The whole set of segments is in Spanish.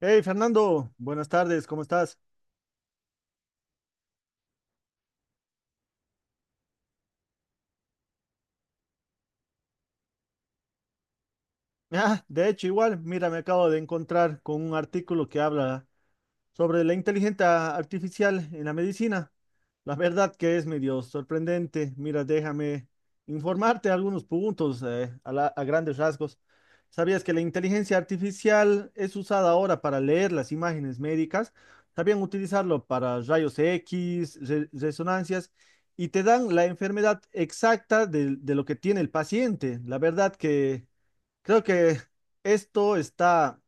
Hey Fernando, buenas tardes, ¿cómo estás? Ah, de hecho, igual, mira, me acabo de encontrar con un artículo que habla sobre la inteligencia artificial en la medicina. La verdad que es medio sorprendente. Mira, déjame informarte algunos puntos, a grandes rasgos. ¿Sabías que la inteligencia artificial es usada ahora para leer las imágenes médicas? También utilizarlo para rayos X, resonancias, y te dan la enfermedad exacta de lo que tiene el paciente. La verdad que creo que esto está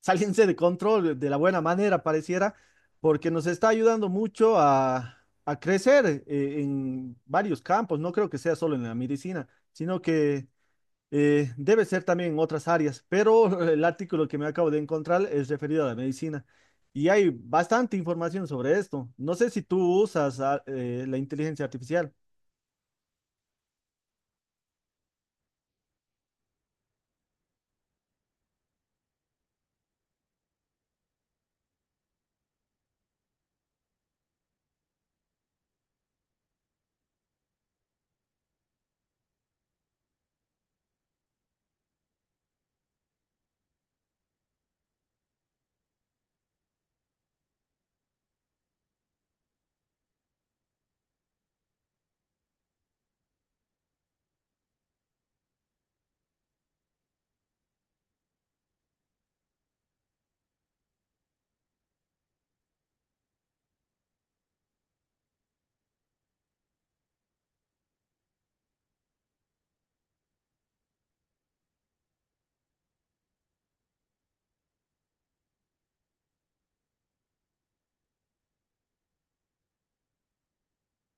saliéndose de control de la buena manera, pareciera, porque nos está ayudando mucho a crecer en varios campos. No creo que sea solo en la medicina, sino que debe ser también en otras áreas. Pero el artículo que me acabo de encontrar es referido a la medicina. Y hay bastante información sobre esto. No sé si tú usas la inteligencia artificial.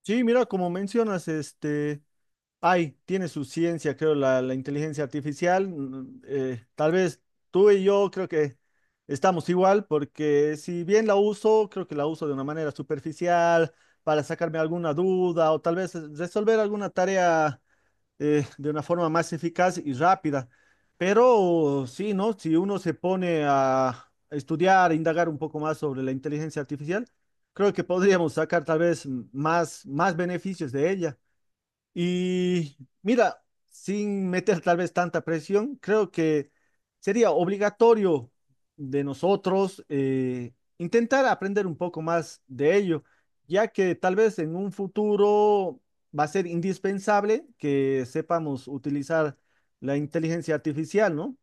Sí, mira, como mencionas, este... Ay, tiene su ciencia, creo, la inteligencia artificial. Tal vez tú y yo creo que estamos igual, porque si bien la uso, creo que la uso de una manera superficial para sacarme alguna duda o tal vez resolver alguna tarea de una forma más eficaz y rápida. Pero sí, ¿no? Si uno se pone a estudiar, a indagar un poco más sobre la inteligencia artificial, creo que podríamos sacar tal vez, más beneficios de ella. Y mira, sin meter tal vez tanta presión, creo que sería obligatorio de nosotros intentar aprender un poco más de ello, ya que tal vez en un futuro va a ser indispensable que sepamos utilizar la inteligencia artificial, ¿no?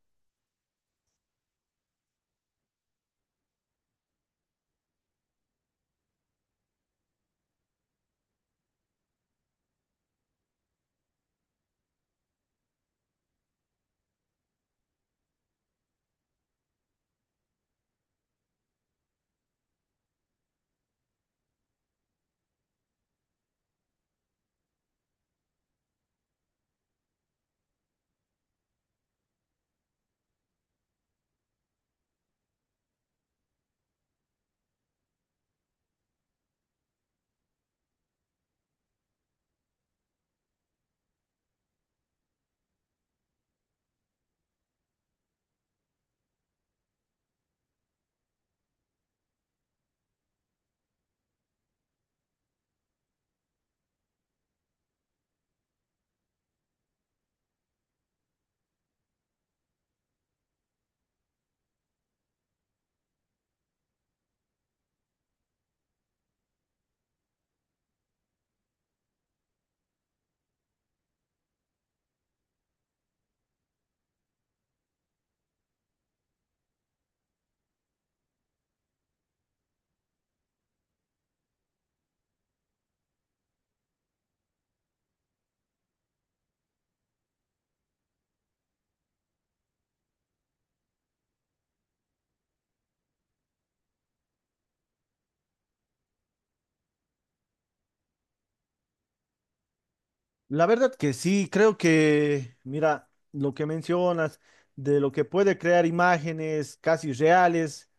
La verdad que sí, creo que, mira, lo que mencionas de lo que puede crear imágenes casi reales,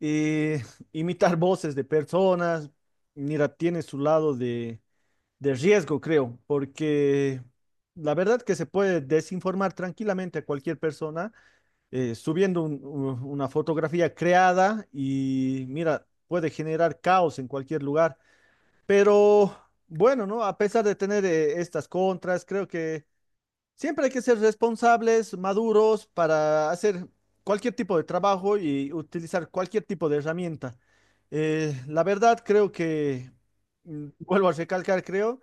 eh, imitar voces de personas, mira, tiene su lado de riesgo, creo, porque la verdad que se puede desinformar tranquilamente a cualquier persona, subiendo una fotografía creada, y mira, puede generar caos en cualquier lugar, pero bueno, ¿no? A pesar de tener estas contras, creo que siempre hay que ser responsables, maduros para hacer cualquier tipo de trabajo y utilizar cualquier tipo de herramienta. La verdad, creo que, mm, vuelvo a recalcar, creo,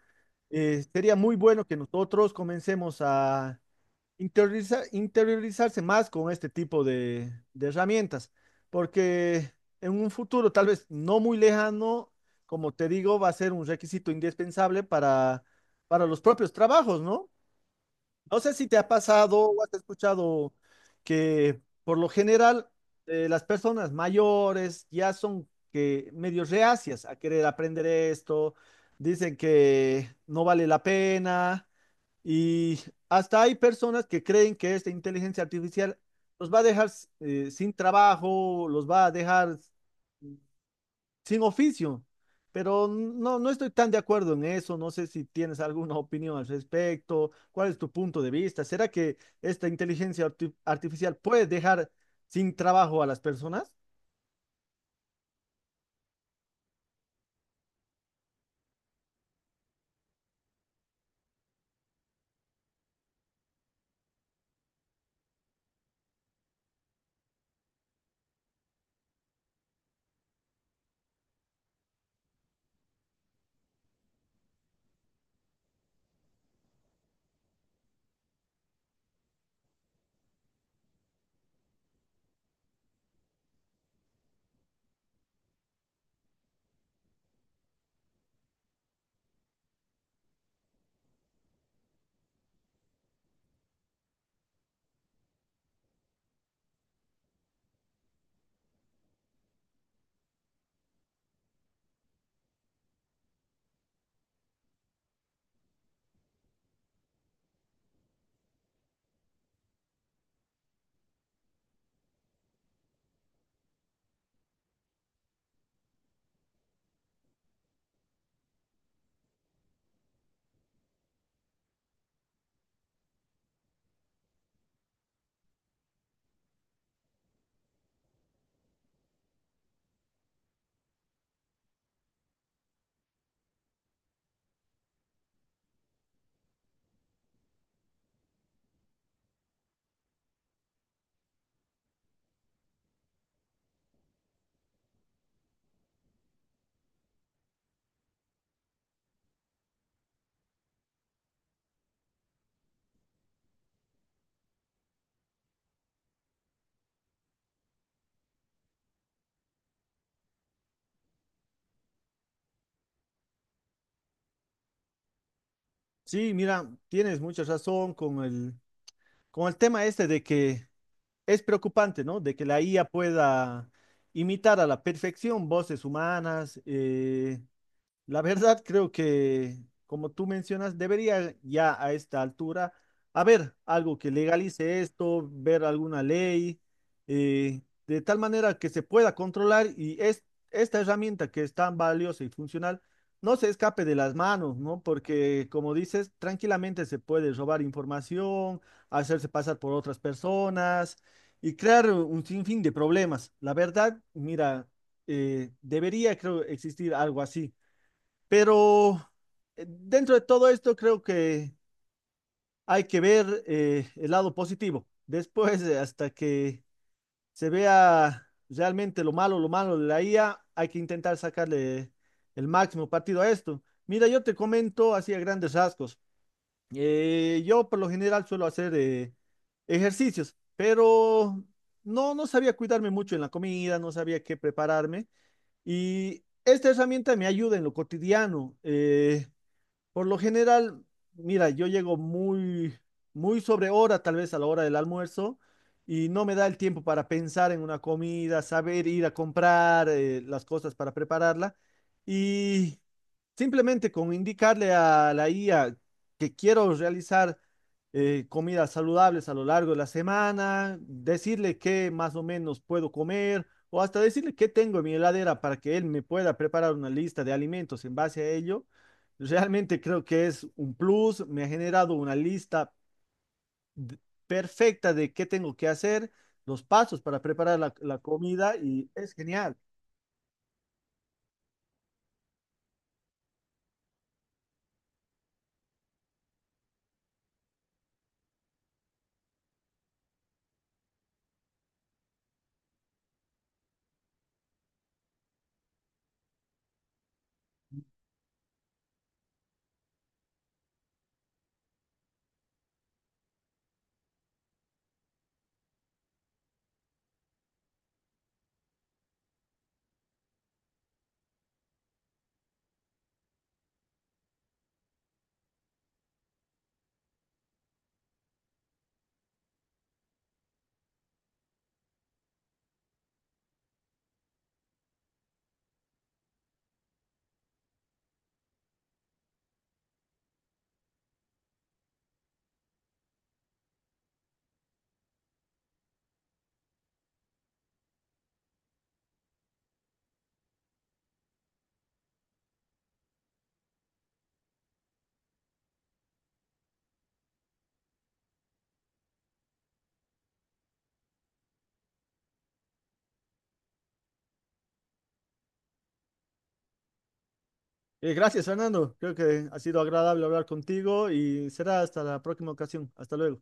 sería muy bueno que nosotros comencemos a interiorizarse más con este tipo de herramientas, porque en un futuro tal vez no muy lejano, como te digo, va a ser un requisito indispensable para los propios trabajos, ¿no? No sé si te ha pasado o has escuchado que por lo general, las personas mayores ya son que medio reacias a querer aprender esto, dicen que no vale la pena, y hasta hay personas que creen que esta inteligencia artificial los va a dejar sin trabajo, los va a dejar sin oficio. Pero no, no estoy tan de acuerdo en eso. No sé si tienes alguna opinión al respecto. ¿Cuál es tu punto de vista? ¿Será que esta inteligencia artificial puede dejar sin trabajo a las personas? Sí, mira, tienes mucha razón con con el tema este de que es preocupante, ¿no? De que la IA pueda imitar a la perfección voces humanas. Eh, la verdad, creo que, como tú mencionas, debería ya a esta altura haber algo que legalice esto, ver alguna ley, eh, de tal manera que se pueda controlar y esta herramienta que es tan valiosa y funcional no se escape de las manos, ¿no? Porque, como dices, tranquilamente se puede robar información, hacerse pasar por otras personas y crear un sinfín de problemas. La verdad, mira, debería, creo, existir algo así. Pero dentro de todo esto creo que hay que ver, el lado positivo. Después, hasta que se vea realmente lo malo de la IA, hay que intentar sacarle el máximo partido a esto. Mira, yo te comento así a grandes rasgos. Yo por lo general suelo hacer ejercicios, pero no, no sabía cuidarme mucho en la comida, no sabía qué prepararme. Y esta herramienta me ayuda en lo cotidiano. Eh, por lo general, mira, yo llego muy sobre hora, tal vez a la hora del almuerzo, y no me da el tiempo para pensar en una comida, saber ir a comprar las cosas para prepararla. Y simplemente con indicarle a la IA que quiero realizar comidas saludables a lo largo de la semana, decirle qué más o menos puedo comer, o hasta decirle qué tengo en mi heladera para que él me pueda preparar una lista de alimentos en base a ello. Realmente creo que es un plus, me ha generado una lista d- perfecta de qué tengo que hacer, los pasos para preparar la comida, y es genial. Gracias, Fernando. Creo que ha sido agradable hablar contigo y será hasta la próxima ocasión. Hasta luego.